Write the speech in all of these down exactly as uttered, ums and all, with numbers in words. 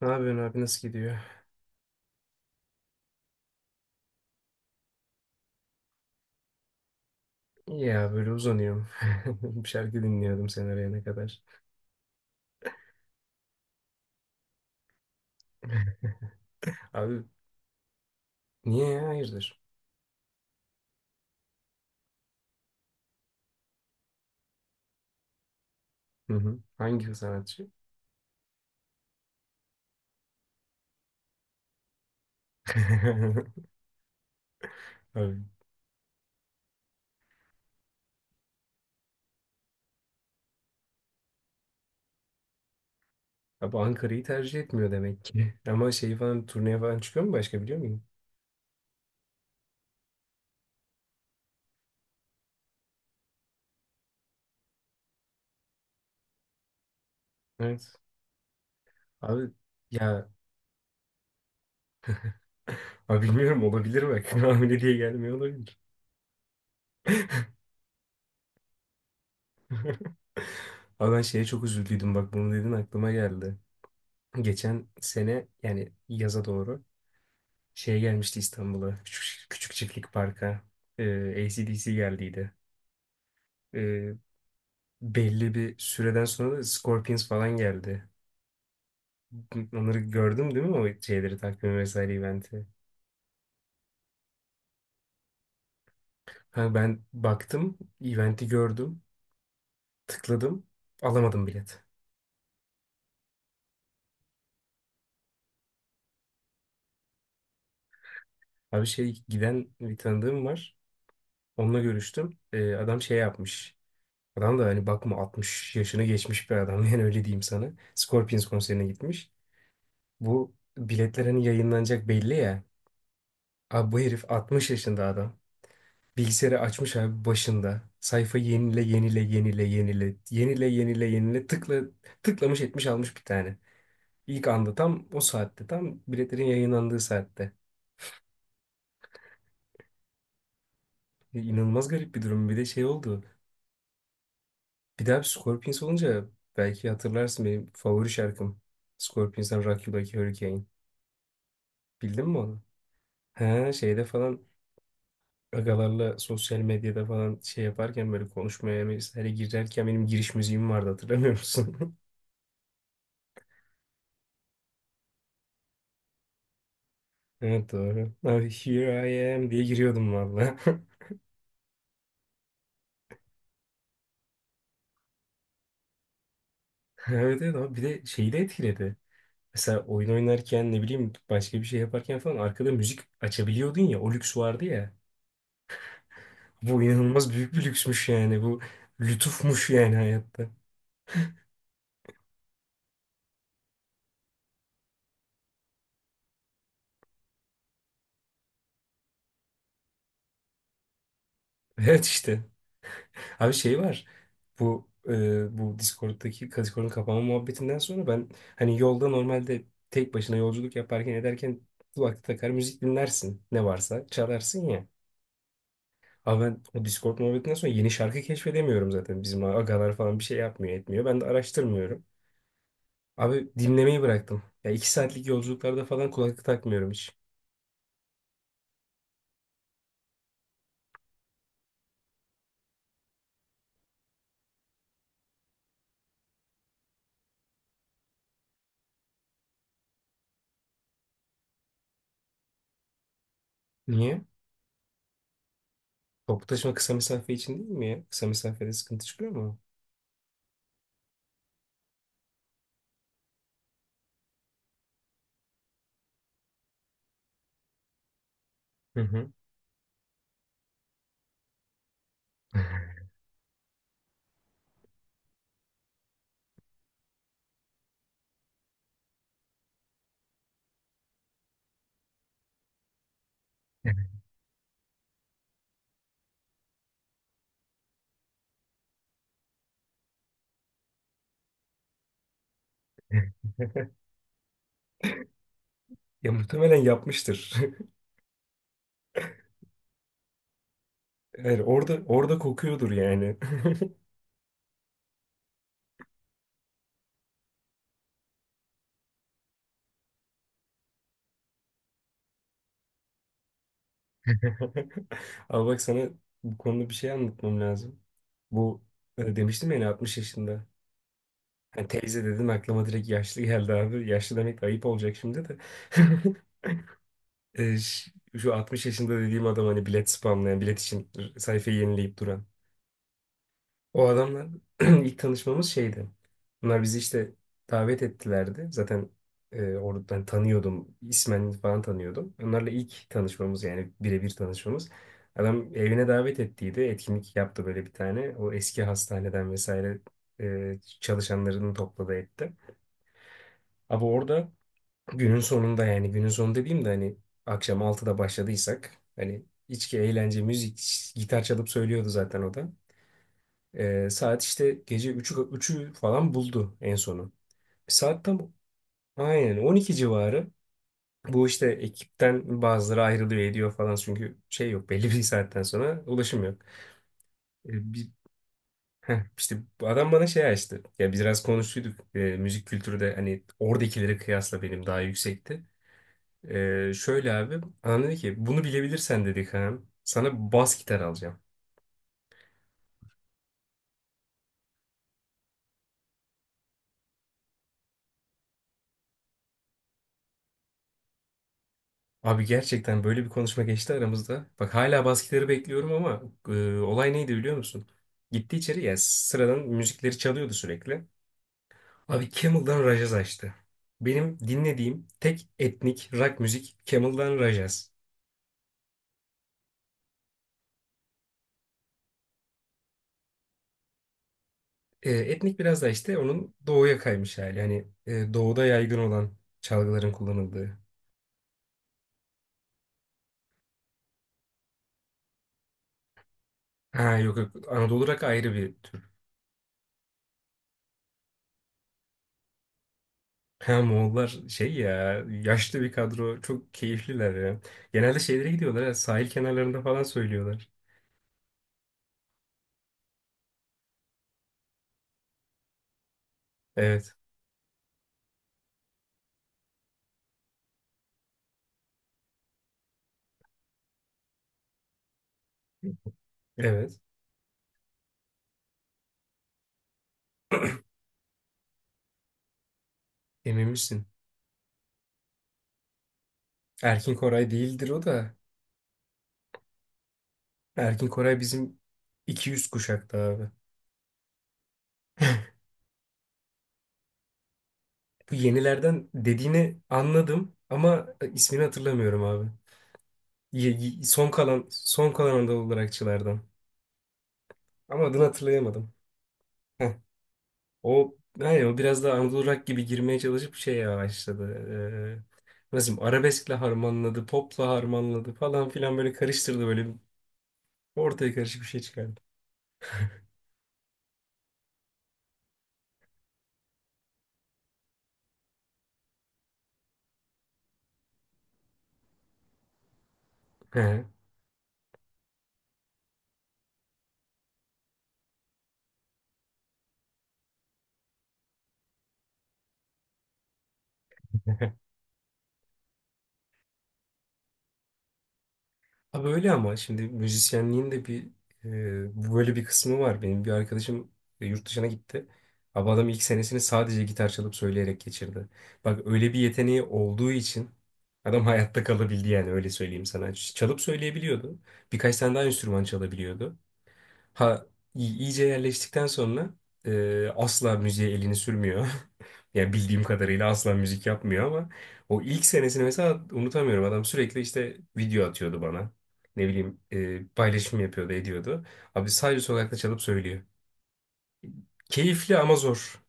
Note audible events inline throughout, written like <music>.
Ne yapıyorsun abi nasıl gidiyor? İyi ya böyle uzanıyorum. <laughs> Bir şarkı dinliyordum sen arayana kadar. <laughs> Abi niye ya hayırdır? Hı hı. Hangi sanatçı? <laughs> Abi, abi Ankara'yı tercih etmiyor demek ki. <laughs> Ama şey falan turneye falan çıkıyor mu başka biliyor muyum? Evet. Abi ya <laughs> abi bilmiyorum olabilir bak. <laughs> Hamile diye gelmiyor olabilir. <laughs> Abi ben şeye çok üzüldüydüm bak bunu dedin aklıma geldi. Geçen sene yani yaza doğru. Şey gelmişti İstanbul'a. Küçük, küçük Çiftlik Park'a. Ee, A C/D C geldiydi. Ee, Belli bir süreden sonra da Scorpions falan geldi. Onları gördüm değil mi o şeyleri takvimi vesaire eventi. Ha, ben baktım eventi gördüm. Tıkladım. Alamadım bilet. Abi şey giden bir tanıdığım var. Onunla görüştüm. Ee, adam şey yapmış. Adam da hani bakma altmış yaşını geçmiş bir adam <laughs> yani öyle diyeyim sana. Scorpions konserine gitmiş. Bu biletler hani yayınlanacak belli ya. Abi bu herif altmış yaşında adam. Bilgisayarı açmış abi başında. Sayfa yenile yenile yenile yenile yenile yenile yenile tıkla tıklamış etmiş almış bir tane. İlk anda tam o saatte tam biletlerin yayınlandığı saatte. E, İnanılmaz garip bir durum. Bir de şey oldu. Bir daha bir Scorpions olunca belki hatırlarsın benim favori şarkım. Scorpions'tan Rock You Like a Hurricane. Bildin mi onu? He şeyde falan agalarla sosyal medyada falan şey yaparken böyle konuşmaya mesela girerken benim giriş müziğim vardı hatırlamıyor musun? <laughs> Evet, doğru. Abi here I am diye giriyordum valla. <laughs> Evet, evet, abi bir de şeyi de etkiledi. Mesela oyun oynarken ne bileyim başka bir şey yaparken falan arkada müzik açabiliyordun ya o lüks vardı ya. Bu inanılmaz büyük bir lüksmüş yani bu lütufmuş yani hayatta. <laughs> Evet, işte. Abi şey var bu e, bu Discord'daki Discord'un kapanma muhabbetinden sonra ben hani yolda normalde tek başına yolculuk yaparken ederken kulaklık takar müzik dinlersin ne varsa çalarsın ya. Abi ben o Discord muhabbetinden sonra yeni şarkı keşfedemiyorum zaten. Bizim agalar falan bir şey yapmıyor etmiyor. Ben de araştırmıyorum. Abi dinlemeyi bıraktım. Ya iki saatlik yolculuklarda falan kulaklık takmıyorum hiç. Niye? Toplu taşıma kısa mesafe için değil mi ya? Kısa mesafede sıkıntı çıkıyor mu? Hı hı. <laughs> Ya muhtemelen yapmıştır. <laughs> Yani orada orada kokuyordur yani. <laughs> Al bak sana bu konuda bir şey anlatmam lazım. Bu e, demiştim yani altmış yaşında. Yani teyze dedim aklıma direkt yaşlı geldi abi. Yaşlı demek de ayıp olacak şimdi de. <laughs> E, ş- Şu altmış yaşında dediğim adam hani bilet spamlayan, bilet için sayfayı yenileyip duran. O adamla <clears throat> ilk tanışmamız şeydi. Bunlar bizi işte davet ettilerdi. Zaten e, oradan tanıyordum. İsmen falan tanıyordum. Onlarla ilk tanışmamız yani birebir tanışmamız. Adam evine davet ettiydi. Etkinlik yaptı böyle bir tane. O eski hastaneden vesaire e, çalışanlarını topladı etti. Abi orada günün sonunda yani günün sonu dediğim de hani akşam altıda başladıysak hani içki, eğlence, müzik, gitar çalıp söylüyordu zaten o da. Ee, saat işte gece üçü üçü falan buldu en sonu. Saat tam aynen on iki civarı. Bu işte ekipten bazıları ayrılıyor ediyor falan çünkü şey yok belli bir saatten sonra ulaşım yok. Ee, bir, heh, işte bu adam bana şey açtı. Ya biz biraz konuştuyduk. Ee, müzik kültürü de hani oradakileri kıyasla benim daha yüksekti. Ee, şöyle abi. Anam dedi ki bunu bilebilirsen dedi Kaan. Sana bas gitar alacağım. Abi gerçekten böyle bir konuşma geçti aramızda. Bak hala bas gitarı bekliyorum ama e, olay neydi biliyor musun? Gitti içeri ya sıradan müzikleri çalıyordu sürekli. Abi Camel'dan Rajaz açtı. Benim dinlediğim tek etnik rock müzik Camel'dan Rajaz. Ee, etnik biraz da işte onun doğuya kaymış hali. Hani e, doğuda yaygın olan çalgıların kullanıldığı. Ha, yok yok, Anadolu rock ayrı bir tür. Ha, Moğollar şey ya yaşlı bir kadro çok keyifliler ya. Genelde şeylere gidiyorlar ya, sahil kenarlarında falan söylüyorlar. Evet. Evet. Emin misin? Erkin Koray değildir o da. Erkin Koray bizim iki yüz kuşakta abi. Bu yenilerden dediğini anladım ama e, ismini hatırlamıyorum abi. Ye- ye- Son kalan son kalan Anadolu Rockçılardan. Ama adını hatırlayamadım. <laughs> O yani o biraz daha Anadolu rock gibi girmeye çalışıp şeye başladı. Ee, nasıl diyeyim, arabeskle harmanladı, popla harmanladı falan filan böyle karıştırdı böyle ortaya karışık bir şey çıkardı. He. Abi öyle ama şimdi müzisyenliğin de bir e, bu böyle bir kısmı var. Benim bir arkadaşım e, yurt dışına gitti. Abi adam ilk senesini sadece gitar çalıp söyleyerek geçirdi. Bak öyle bir yeteneği olduğu için adam hayatta kalabildi yani öyle söyleyeyim sana. Çalıp söyleyebiliyordu. Birkaç tane daha enstrüman çalabiliyordu. Ha iy- iyice yerleştikten sonra e, asla müziğe elini sürmüyor. <laughs> Yani bildiğim kadarıyla asla müzik yapmıyor ama o ilk senesini mesela unutamıyorum. Adam sürekli işte video atıyordu bana. Ne bileyim e, paylaşım yapıyordu, ediyordu. Abi sadece sokakta çalıp söylüyor. Keyifli ama zor.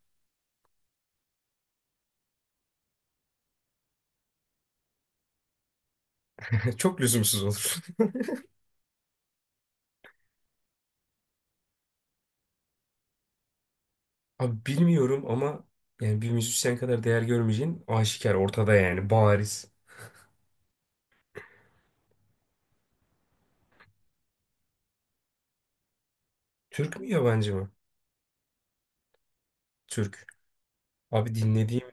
<laughs> Çok lüzumsuz olur. <laughs> Abi bilmiyorum ama yani bir müzisyen kadar değer görmeyeceğin aşikar, ortada yani bariz. Türk mü yabancı mı? Türk. Abi dinlediğim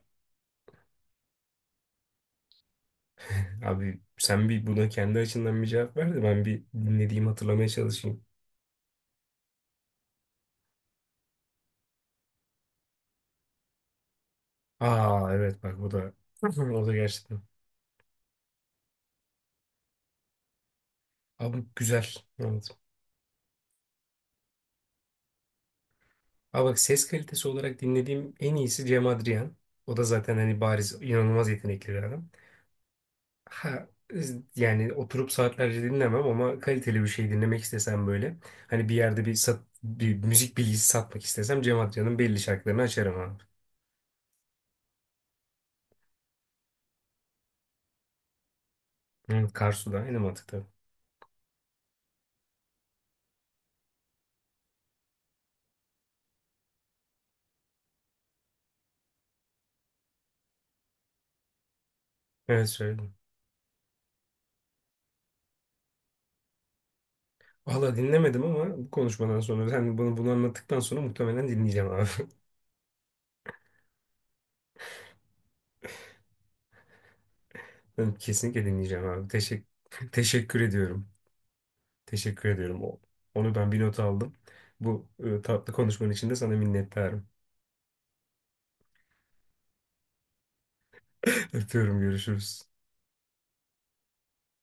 Abi sen bir buna kendi açından bir cevap ver de ben bir dinlediğimi hatırlamaya çalışayım. Aa evet, bak bu da <laughs> o da gerçekten. Abi güzel. Evet. Aa bak, ses kalitesi olarak dinlediğim en iyisi Cem Adrian. O da zaten hani bariz inanılmaz yetenekli bir adam. Ha yani oturup saatlerce dinlemem ama kaliteli bir şey dinlemek istesem böyle. Hani bir yerde bir sat, bir müzik bilgisi satmak istesem Cem Adrian'ın belli şarkılarını açarım abi. Hı, Karsu'da aynı mantıkta. Evet, söyle. Valla dinlemedim ama bu konuşmadan sonra sen bunu, bunu anlattıktan sonra muhtemelen dinleyeceğim abi. <laughs> Ben kesinlikle dinleyeceğim abi. Teşekkür <laughs> teşekkür ediyorum. Teşekkür ediyorum. O- Onu ben bir not aldım. Bu e, tatlı konuşmanın için de sana minnettarım. <laughs> Öpüyorum, görüşürüz.